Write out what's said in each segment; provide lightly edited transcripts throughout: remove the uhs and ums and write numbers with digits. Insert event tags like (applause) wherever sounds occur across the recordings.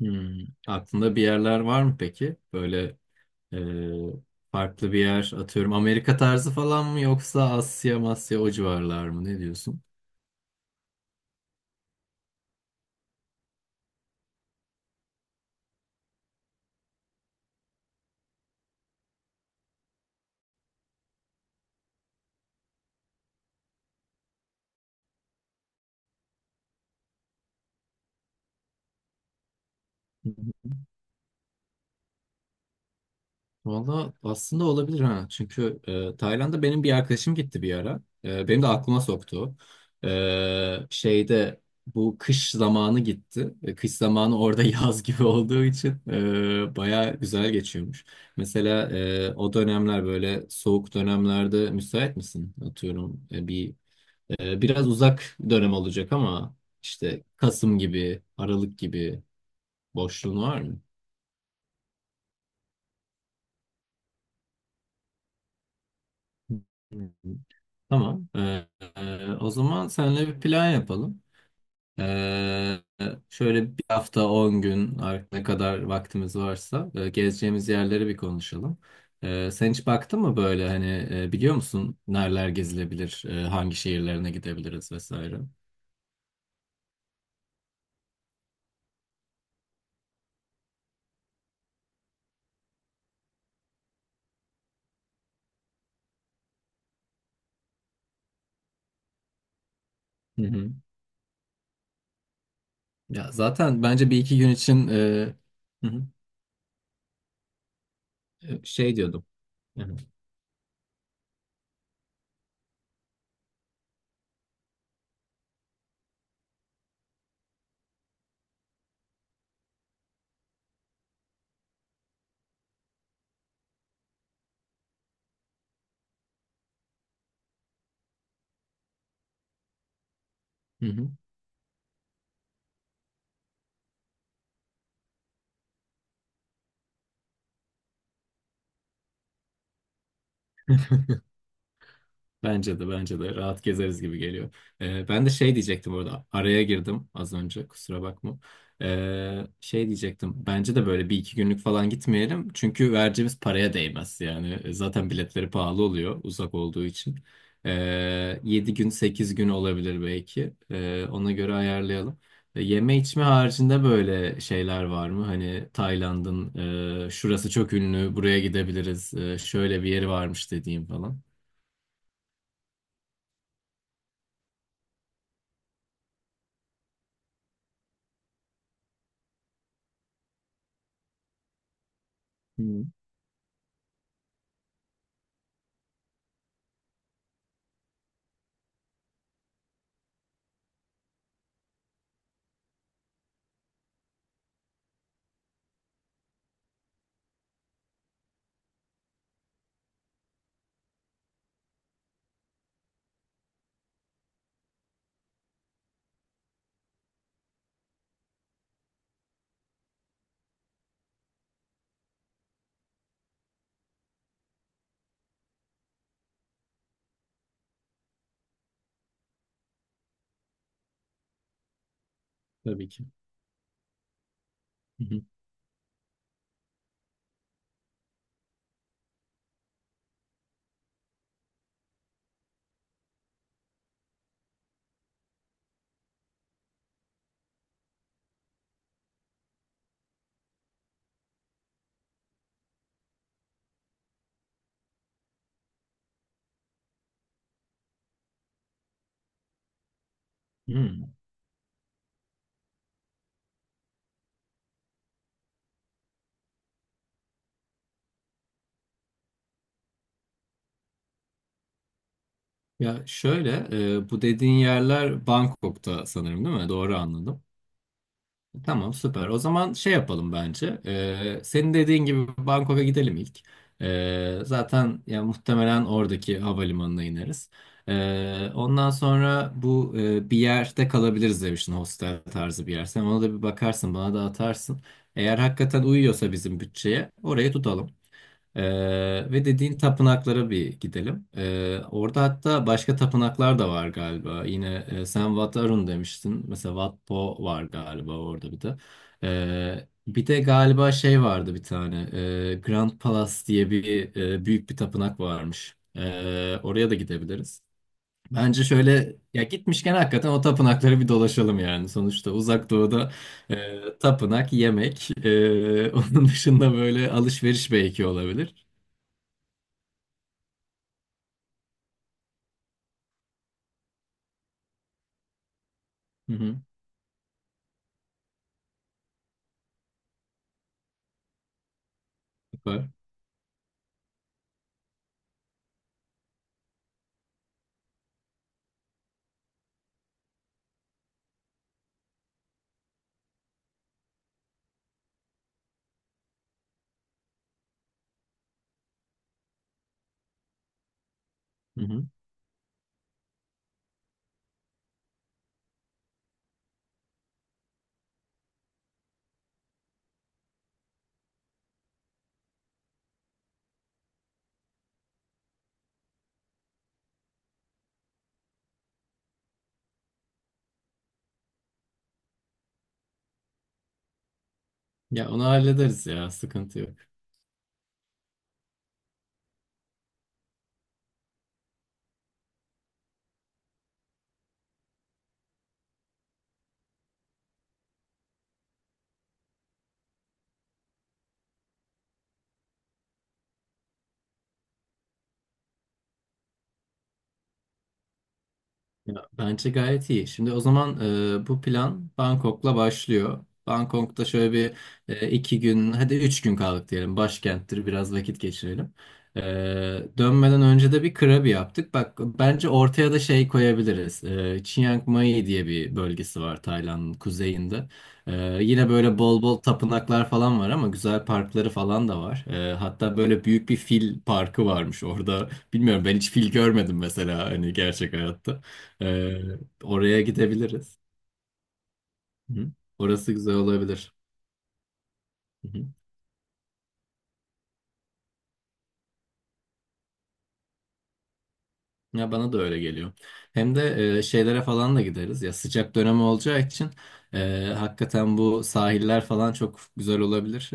Hmm. Aklında bir yerler var mı peki? Böyle e, farklı bir yer atıyorum. Amerika tarzı falan mı yoksa Asya, Masya o civarlar mı? Ne diyorsun? Valla aslında olabilir ha. Çünkü Tayland'a benim bir arkadaşım gitti bir ara. Benim de aklıma soktu. E, şeyde bu kış zamanı gitti. Kış zamanı orada (laughs) yaz gibi olduğu için baya güzel geçiyormuş. Mesela o dönemler böyle soğuk dönemlerde müsait misin? Atıyorum biraz uzak dönem olacak ama işte Kasım gibi, Aralık gibi boşluğun var mı? Tamam. O zaman seninle bir plan yapalım. Ee, Şöyle bir hafta 10 gün artık ne kadar vaktimiz varsa gezeceğimiz yerleri bir konuşalım. Sen hiç baktın mı böyle hani biliyor musun nereler gezilebilir, hangi şehirlerine gidebiliriz vesaire? Hı hı. Ya zaten bence bir iki gün için hı hı, şey diyordum. Hı hı. Hı hı. Bence de bence de rahat gezeriz gibi geliyor. Ben de şey diyecektim orada araya girdim az önce kusura bakma. Şey diyecektim bence de böyle bir iki günlük falan gitmeyelim. Çünkü vereceğimiz paraya değmez yani. Zaten biletleri pahalı oluyor uzak olduğu için. 7 gün 8 gün olabilir belki. Ona göre ayarlayalım. Yeme içme haricinde böyle şeyler var mı? Hani Tayland'ın şurası çok ünlü buraya gidebiliriz şöyle bir yeri varmış dediğim falan. Tabii ki. Hı hı. Hmm. Ya şöyle, bu dediğin yerler Bangkok'ta sanırım değil mi? Doğru anladım. Tamam, süper. O zaman şey yapalım bence. Senin dediğin gibi Bangkok'a gidelim ilk. Zaten ya muhtemelen oradaki havalimanına ineriz. Ondan sonra bu bir yerde kalabiliriz demiştin, hostel tarzı bir yer. Sen ona da bir bakarsın, bana da atarsın. Eğer hakikaten uyuyorsa bizim bütçeye, orayı tutalım. Ve dediğin tapınaklara bir gidelim. Orada hatta başka tapınaklar da var galiba. Yine sen Wat Arun demiştin. Mesela Wat Po var galiba orada bir de. Bir de galiba şey vardı bir tane. Grand Palace diye bir büyük bir tapınak varmış. Oraya da gidebiliriz. Bence şöyle ya gitmişken hakikaten o tapınakları bir dolaşalım yani. Sonuçta Uzak Doğu'da tapınak, yemek, (laughs) onun dışında böyle alışveriş belki olabilir. Hı hı, süper. Hı hı. Ya onu hallederiz ya, sıkıntı yok. Ya, bence gayet iyi. Şimdi o zaman bu plan Bangkok'la başlıyor. Bangkok'ta şöyle bir iki gün, hadi üç gün kaldık diyelim. Başkenttir, biraz vakit geçirelim. E, Dönmeden önce de bir krabi yaptık. Bak bence ortaya da şey koyabiliriz. Chiang Mai diye bir bölgesi var Tayland'ın kuzeyinde. E, Yine böyle bol bol tapınaklar falan var ama güzel parkları falan da var. Hatta böyle büyük bir fil parkı varmış orada. Bilmiyorum ben hiç fil görmedim mesela hani gerçek hayatta. Ee, Oraya gidebiliriz. Hı. Orası güzel olabilir. Hı hı. Ya bana da öyle geliyor. Hem de şeylere falan da gideriz. Ya sıcak dönemi olacağı için hakikaten bu sahiller falan çok güzel olabilir.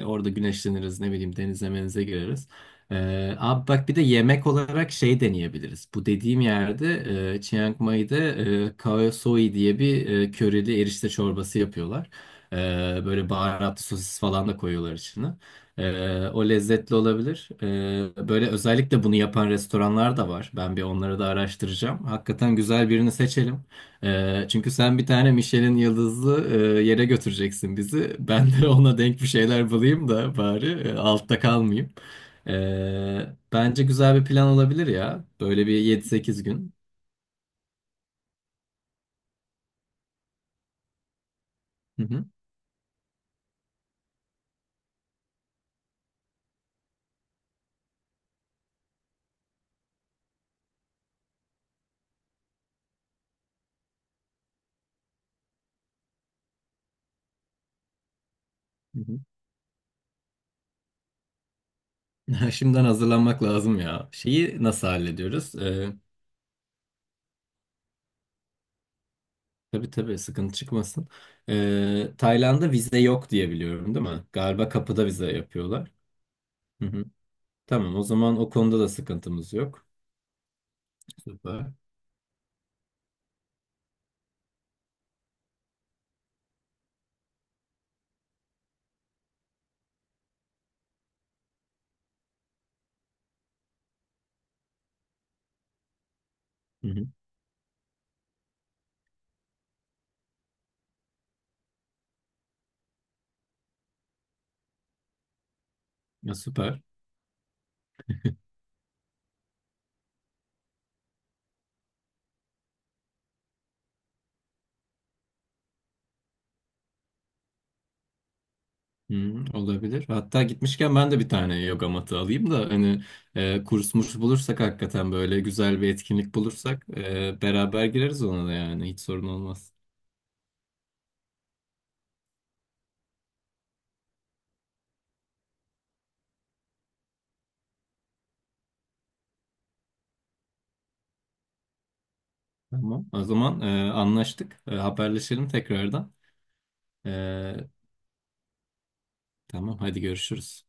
Orada güneşleniriz, ne bileyim denize menize gireriz. Abi bak bir de yemek olarak şey deneyebiliriz. Bu dediğim yerde Chiang Mai'de Khao Soi diye bir körili erişte çorbası yapıyorlar. E, Böyle baharatlı sosis falan da koyuyorlar içine. O lezzetli olabilir. Böyle özellikle bunu yapan restoranlar da var. Ben bir onları da araştıracağım. Hakikaten güzel birini seçelim. Çünkü sen bir tane Michelin yıldızlı yere götüreceksin bizi. Ben de (laughs) ona denk bir şeyler bulayım da bari altta kalmayayım. Ee, Bence güzel bir plan olabilir ya. Böyle bir yedi sekiz gün. Hı hı. Hı hı. (laughs) Şimdiden hazırlanmak lazım ya. Şeyi nasıl hallediyoruz? Tabii tabii sıkıntı çıkmasın. Tayland'da vize yok diye biliyorum değil mi? Galiba kapıda vize yapıyorlar. Hı hı. Tamam o zaman o konuda da sıkıntımız yok. Süper. Hı hı. Ya süper. Hı, olabilir. Hatta gitmişken ben de bir tane yoga matı alayım da hani kurs murs bulursak hakikaten böyle güzel bir etkinlik bulursak beraber gireriz ona da yani hiç sorun olmaz. Tamam. O zaman anlaştık. Haberleşelim tekrardan. E, tamam hadi görüşürüz.